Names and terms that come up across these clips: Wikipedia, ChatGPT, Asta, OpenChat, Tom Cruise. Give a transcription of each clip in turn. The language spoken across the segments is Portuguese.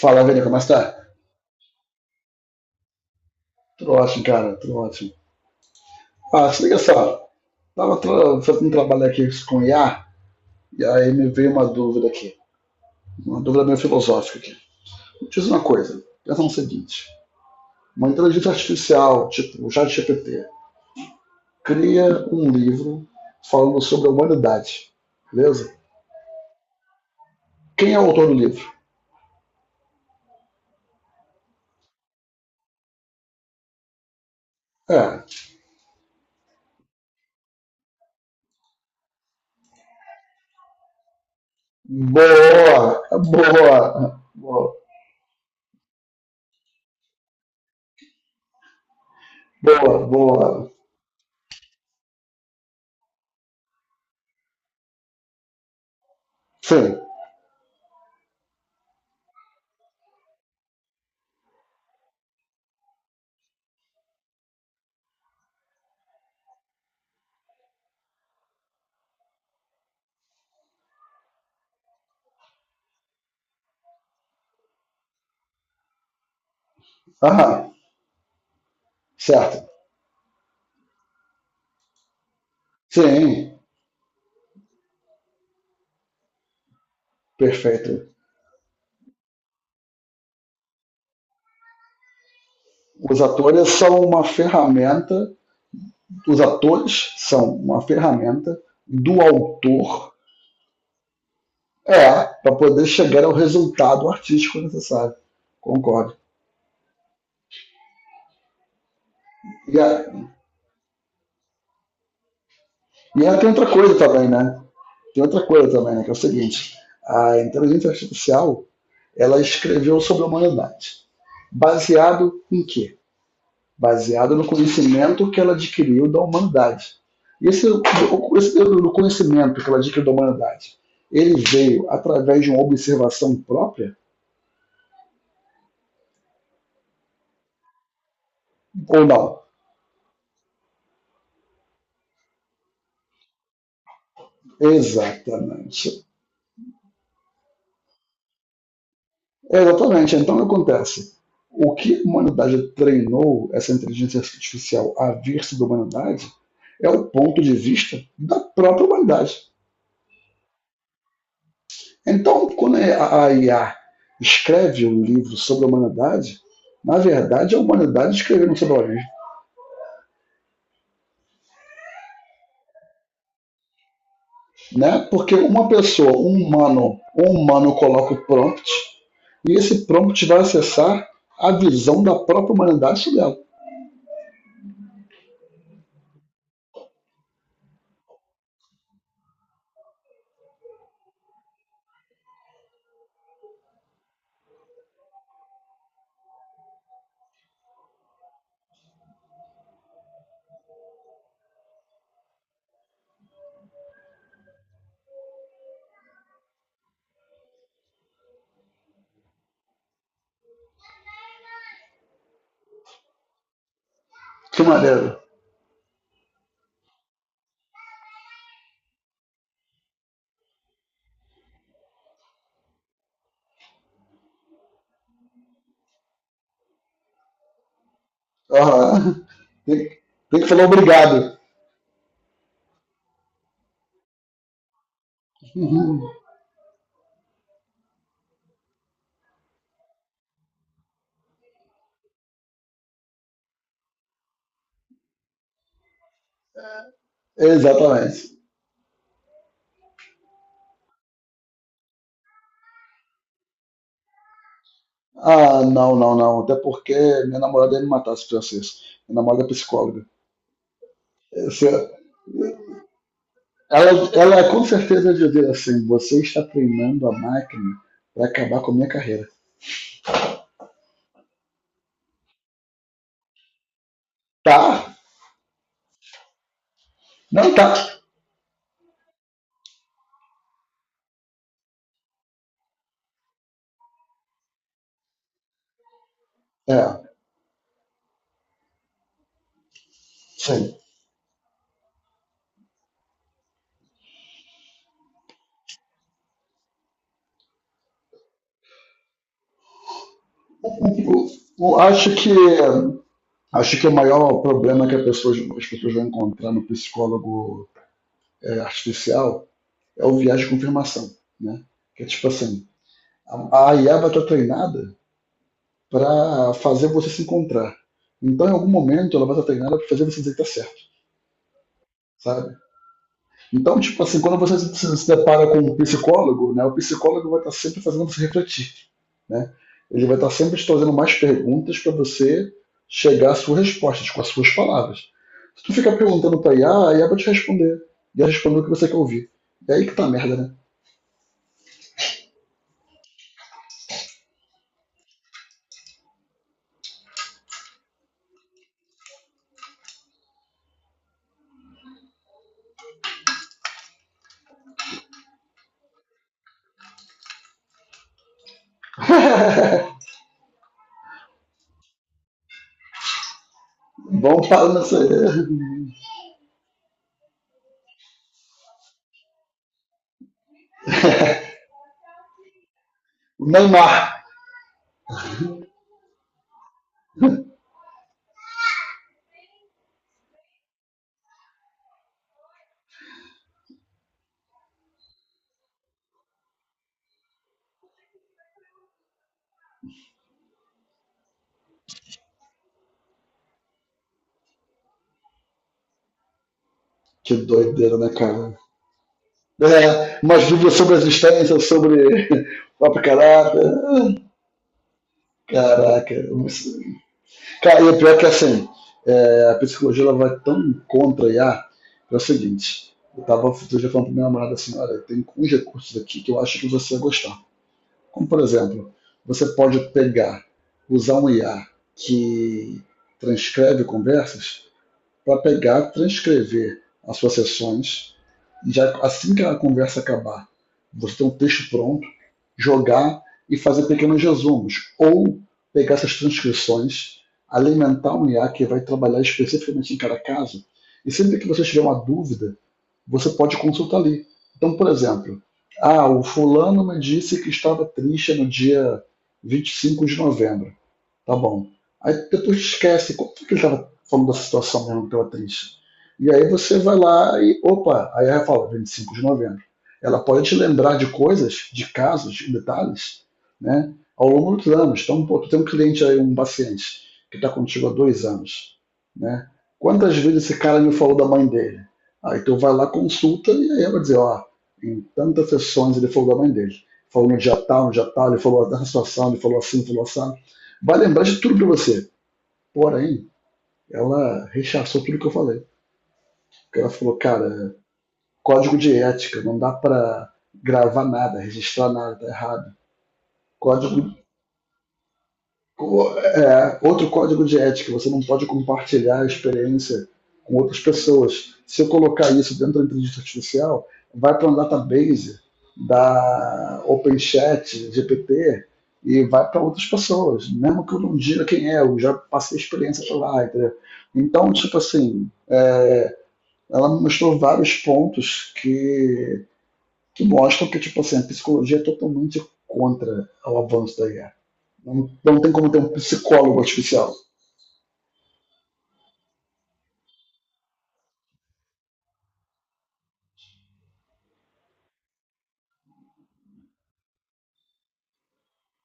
Fala, velho, como está? Tudo ótimo, cara, tudo ótimo. Ah, se liga só, tava fazendo um trabalho aqui com IA, e aí me veio uma dúvida aqui, uma dúvida meio filosófica aqui. Diz uma coisa, pensa no seguinte, uma inteligência artificial, tipo o ChatGPT, cria um livro falando sobre a humanidade, beleza? Quem é o autor do livro? É, boa, boa, boa, boa, boa. Sim, aham, certo. Sim, perfeito. Os atores são uma ferramenta, os atores são uma ferramenta do autor, é, para poder chegar ao resultado artístico necessário. Concordo. E, a, e aí tem outra coisa também, né? Tem outra coisa também, né? Que é o seguinte: a inteligência artificial ela escreveu sobre a humanidade. Baseado em quê? Baseada no conhecimento que ela adquiriu da humanidade. Esse, esse no conhecimento que ela adquiriu da humanidade, ele veio através de uma observação própria ou não? Exatamente. Exatamente. Então, o que acontece? O que a humanidade treinou essa inteligência artificial a vir-se da humanidade é o ponto de vista da própria humanidade. Então, quando é a IA escreve um livro sobre a humanidade, na verdade, a humanidade escrevendo sobre ela mesma, né? Porque uma pessoa, um humano, coloca o prompt e esse prompt vai acessar a visão da própria humanidade sobre ela. Que maneiro. Uhum. Tem, tem que falar obrigado. Uhum. Exatamente. Ah, não, não, não. Até porque minha namorada ia me matar se fizesse isso. Minha namorada é psicóloga. Se, Ela com certeza dizer assim: você está treinando a máquina para acabar com a minha carreira. Tá? Não tá. É, sim. O- o- acho que acho que o maior problema que as pessoas vão encontrar no psicólogo, artificial, é o viés de confirmação, né? Que é tipo assim, a IA vai estar treinada para fazer você se encontrar. Então, em algum momento, ela vai estar treinada para fazer você dizer que tá certo, sabe? Então, tipo assim, quando você se depara com um psicólogo, né, o psicólogo vai estar sempre fazendo você refletir, né? Ele vai estar sempre te trazendo mais perguntas para você chegar às suas respostas, com as suas palavras. Se tu ficar perguntando para IA, a IA vai te responder. E ela responder o que você quer ouvir. É aí que tá a merda, né? Vamos para nessa... O Neymar. Que doideira, né, cara? É, umas dúvidas sobre a existência, sobre o próprio caráter. Caraca. Cara, e o pior é que assim, a psicologia ela vai tão contra a IA, que é o seguinte, eu tava outro dia falando pra minha namorada assim, olha, tem uns recursos aqui que eu acho que você vai gostar. Como por exemplo, você pode pegar, usar um IA que transcreve conversas para pegar, transcrever as suas sessões e já assim que a conversa acabar, você ter um texto pronto, jogar e fazer pequenos resumos ou pegar essas transcrições, alimentar um IA que vai trabalhar especificamente em cada caso e sempre que você tiver uma dúvida, você pode consultar ali. Então, por exemplo, ah, o fulano me disse que estava triste no dia 25 de novembro. Tá bom. Aí depois esquece, como é que ele estava falando da situação mesmo que tava triste? E aí você vai lá e, opa, aí ela fala, 25 de novembro. Ela pode te lembrar de coisas, de casos, de detalhes, né, ao longo dos anos. Então, pô, tu tem um cliente aí, um paciente, que está contigo há 2 anos, né? Quantas vezes esse cara me falou da mãe dele? Aí tu vai lá, consulta, e aí ela vai dizer, ó, em tantas sessões ele falou da mãe dele. Falou no dia tal, no dia tal, ele falou dessa situação, ele falou assim, falou assim, vai lembrar de tudo para você. Porém, ela rechaçou tudo que eu falei. Ela falou, cara, código de ética, não dá para gravar nada, registrar nada, tá errado. Código outro código de ética, você não pode compartilhar a experiência com outras pessoas. Se eu colocar isso dentro da inteligência artificial, vai para um database da OpenChat, GPT, e vai para outras pessoas. Mesmo que eu não diga quem é, eu já passei a experiência para lá, entendeu? Então, tipo assim, ela me mostrou vários pontos que mostram que, tipo assim, a psicologia é totalmente contra o avanço da IA. Não, não tem como ter um psicólogo artificial.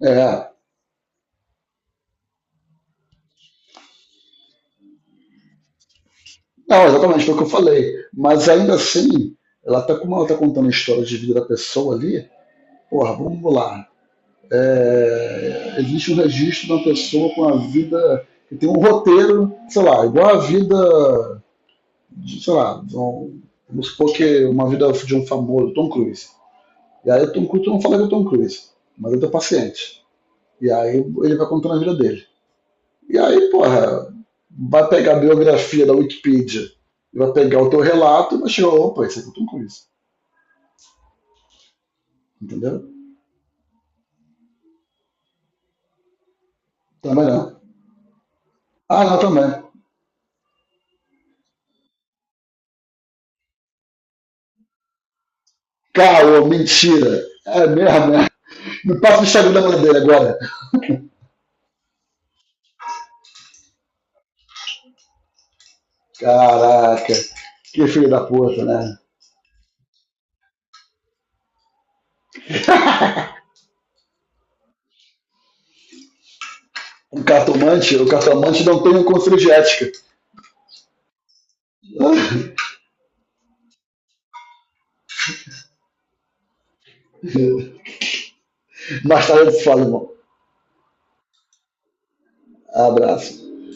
É, não, exatamente, foi o que eu falei. Mas ainda assim, como ela tá contando a história de vida da pessoa ali, porra, vamos lá. É, existe um registro de uma pessoa com a vida que tem um roteiro, sei lá, igual a vida, de, sei lá, de um, vamos supor que uma vida de um famoso, Tom Cruise. E aí o Tom Cruise, eu não falo que é o Tom Cruise, mas ele é paciente. E aí ele vai contando a vida dele. E aí, porra, vai pegar a biografia da Wikipedia, vai pegar o teu relato e vai chegar, opa, isso aqui eu tô com isso. Entendeu? Também não. Ah, não, também. Caô, mentira. É mesmo, né? Me passa o Instagram da mulher dele agora. Caraca, que filho da puta, né? O cartomante não tem um conselho de ética. Mais tarde eu te falo, irmão. Abraço.